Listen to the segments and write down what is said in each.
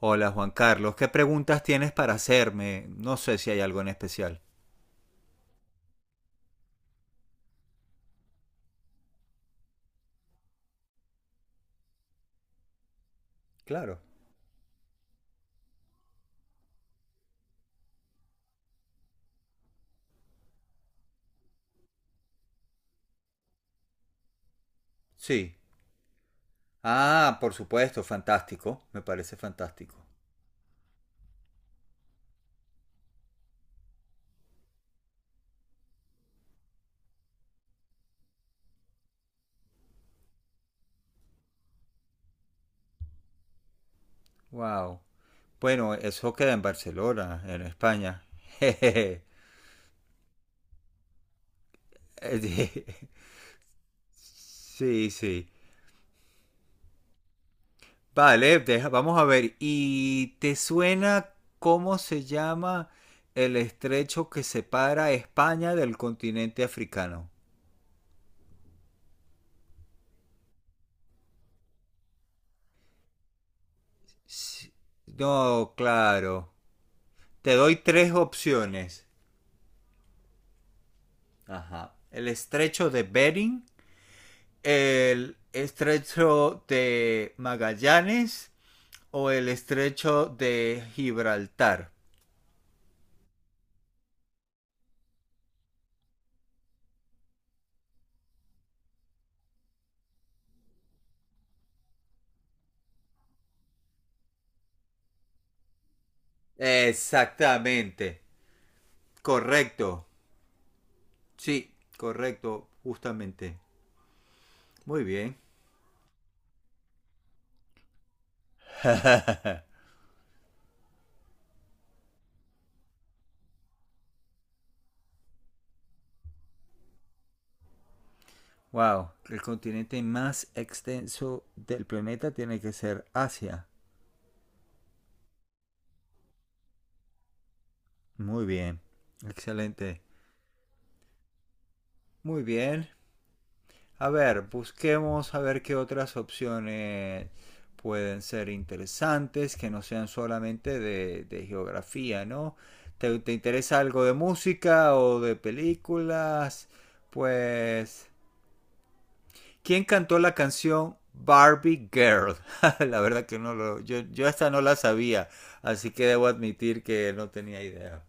Hola Juan Carlos, ¿qué preguntas tienes para hacerme? No sé si hay algo en especial. Claro. Sí. Ah, por supuesto, fantástico. Me parece fantástico. Wow. Bueno, eso queda en Barcelona, en España. Jejeje. Sí, sí. Vale, vamos a ver. ¿Y te suena cómo se llama el estrecho que separa España del continente africano? Sí. No, claro. Te doy tres opciones. Ajá. El estrecho de Bering, el estrecho de Magallanes o el estrecho de Gibraltar. Exactamente. Correcto. Sí, correcto, justamente. Muy bien. Wow, el continente más extenso del planeta tiene que ser Asia. Muy bien, excelente. Muy bien. A ver, busquemos a ver qué otras opciones pueden ser interesantes, que no sean solamente de geografía, ¿no? ¿Te interesa algo de música o de películas? Pues, ¿quién cantó la canción Barbie Girl? La verdad que no lo, yo esta no la sabía, así que debo admitir que no tenía idea.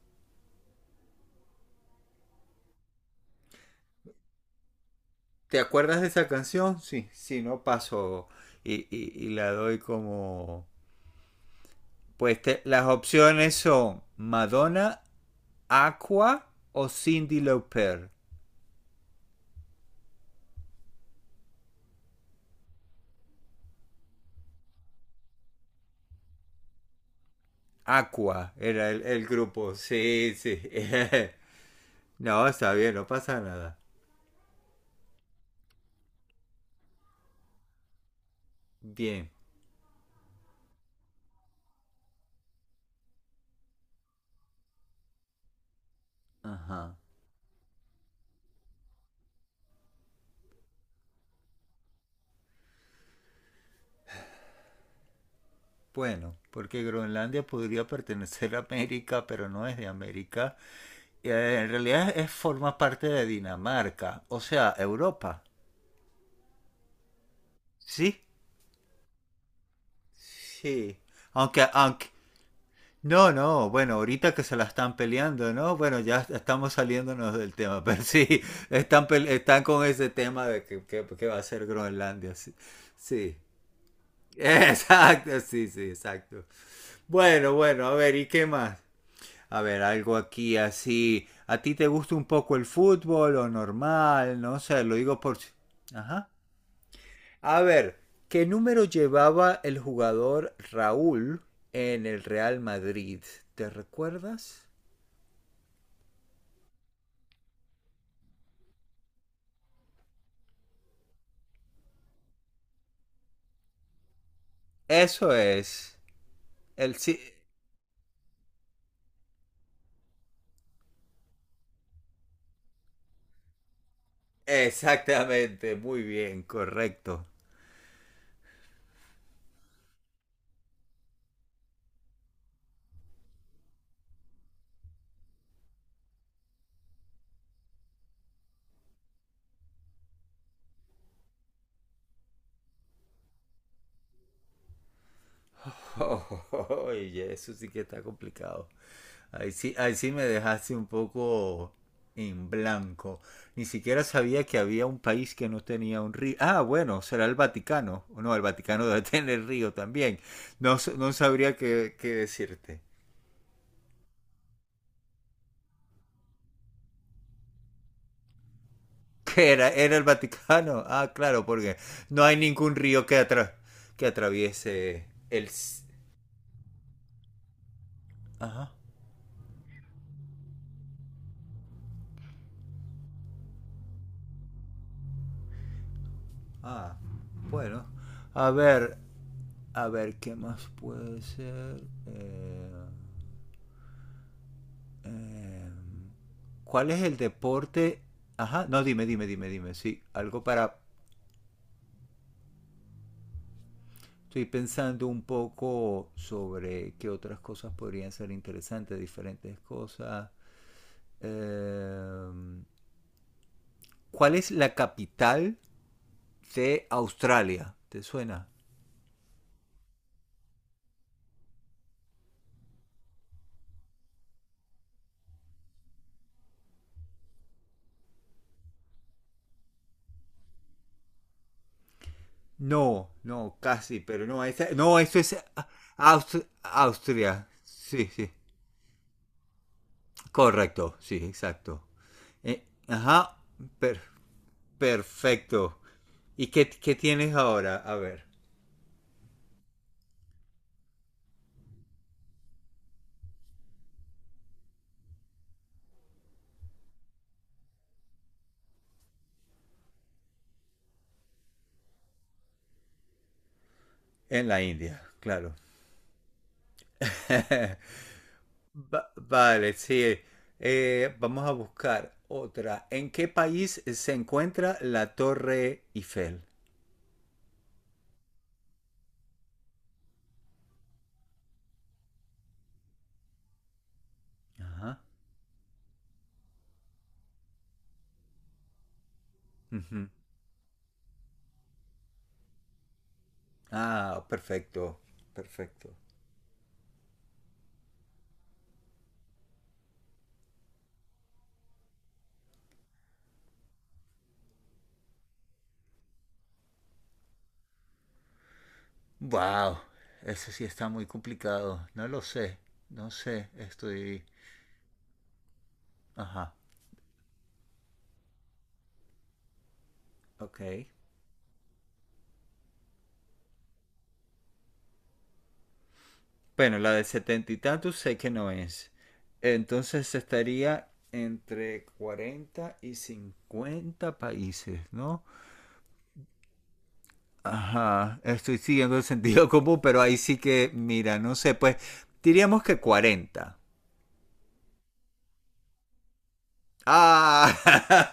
¿Te acuerdas de esa canción? Sí, sí, no paso y la doy como. Las opciones son Madonna, Aqua o Cindy Lauper. Aqua era el grupo. Sí, sí. No, está bien, no pasa nada. Bien. Ajá. Bueno, porque Groenlandia podría pertenecer a América, pero no es de América. En realidad forma parte de Dinamarca, o sea, Europa. Sí. Sí. Aunque, aunque, No, no, bueno, ahorita que se la están peleando, ¿no? Bueno, ya estamos saliéndonos del tema, pero sí, están con ese tema de que va a ser Groenlandia, sí. Sí, exacto, sí, sí, exacto. Bueno, bueno, a ver, ¿y qué más? A ver, algo aquí así. ¿A ti te gusta un poco el fútbol o normal? No sé, lo digo por Ajá. A ver, ¿qué número llevaba el jugador Raúl en el Real Madrid? ¿Te recuerdas? Eso es. El sí. Exactamente, muy bien, correcto. Oye, eso sí que está complicado. Ahí sí me dejaste un poco en blanco. Ni siquiera sabía que había un país que no tenía un río. Ah, bueno, será el Vaticano. No, el Vaticano debe tener río también. No, no sabría qué decirte. ¿Qué era? ¿Era el Vaticano? Ah, claro, porque no hay ningún río que atraviese el Ajá. Ah, bueno. A ver, a ver, ¿qué más puede ser? Eh, ¿Cuál es el deporte? Ajá, no, dime, dime, dime, dime. Sí, algo para. Estoy pensando un poco sobre qué otras cosas podrían ser interesantes, diferentes cosas. Eh, ¿Cuál es la capital de Australia? ¿Te suena? No, no, casi, pero no, no, eso es Austria. Sí, sí, correcto, sí, exacto. Ajá, per- perfecto. ¿Y qué tienes ahora? A ver, en la India, claro. Vale, sí. Vamos a buscar otra. ¿En qué país se encuentra la Torre Eiffel? Ajá. Ujú. Ah, perfecto, perfecto. Wow, eso sí está muy complicado. No lo sé, no sé, estoy. Ajá, ok. Bueno, la de setenta y tantos sé que no es. Entonces estaría entre 40 y 50 países, ¿no? Ajá, estoy siguiendo el sentido común, pero ahí sí que, mira, no sé, pues diríamos que 40. Ah,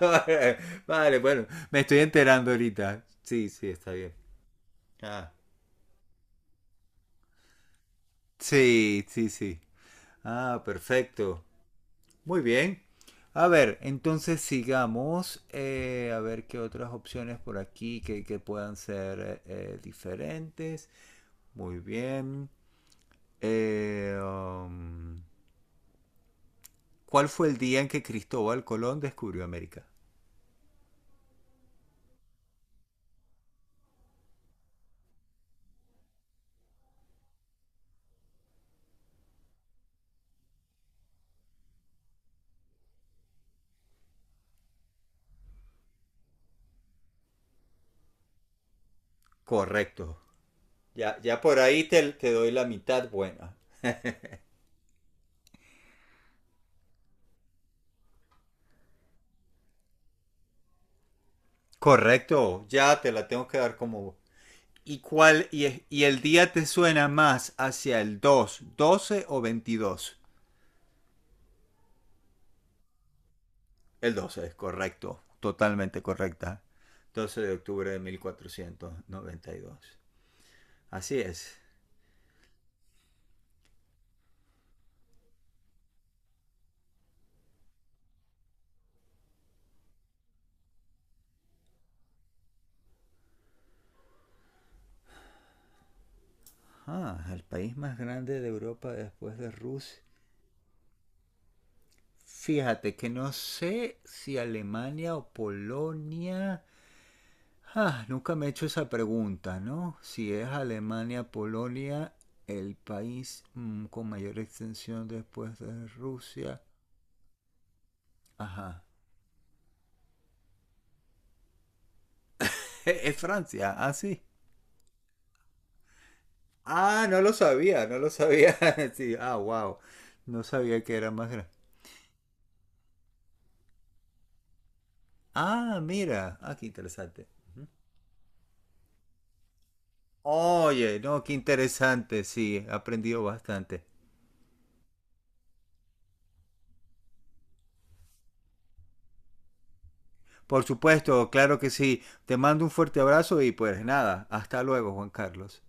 vale, bueno, me estoy enterando ahorita. Sí, sí, está bien. Ah. Sí, sí, sí. Ah, perfecto. Muy bien. A ver, entonces sigamos. A ver qué otras opciones por aquí que puedan ser diferentes. Muy bien. Eh, um, ¿Cuál fue el día en que Cristóbal Colón descubrió América? Correcto. Ya por ahí te doy la mitad buena. Correcto. Ya te la tengo que dar como. ¿Y el día te suena más hacia el 2, 12 o 22. El 12 es correcto, totalmente correcta. 12 de octubre de 1492. Así es. Ah, el país más grande de Europa después de Rusia. Fíjate que no sé si Alemania o Polonia. Ah, nunca me he hecho esa pregunta, ¿no? Si es Alemania, Polonia, el país con mayor extensión después de Rusia. Ajá. Es Francia, ah, sí. Ah, no lo sabía, no lo sabía. Sí, ah, wow. No sabía que era más grande. Ah, mira, ah, qué interesante. Oye, no, qué interesante, sí, he aprendido bastante. Por supuesto, claro que sí. Te mando un fuerte abrazo y pues nada, hasta luego, Juan Carlos.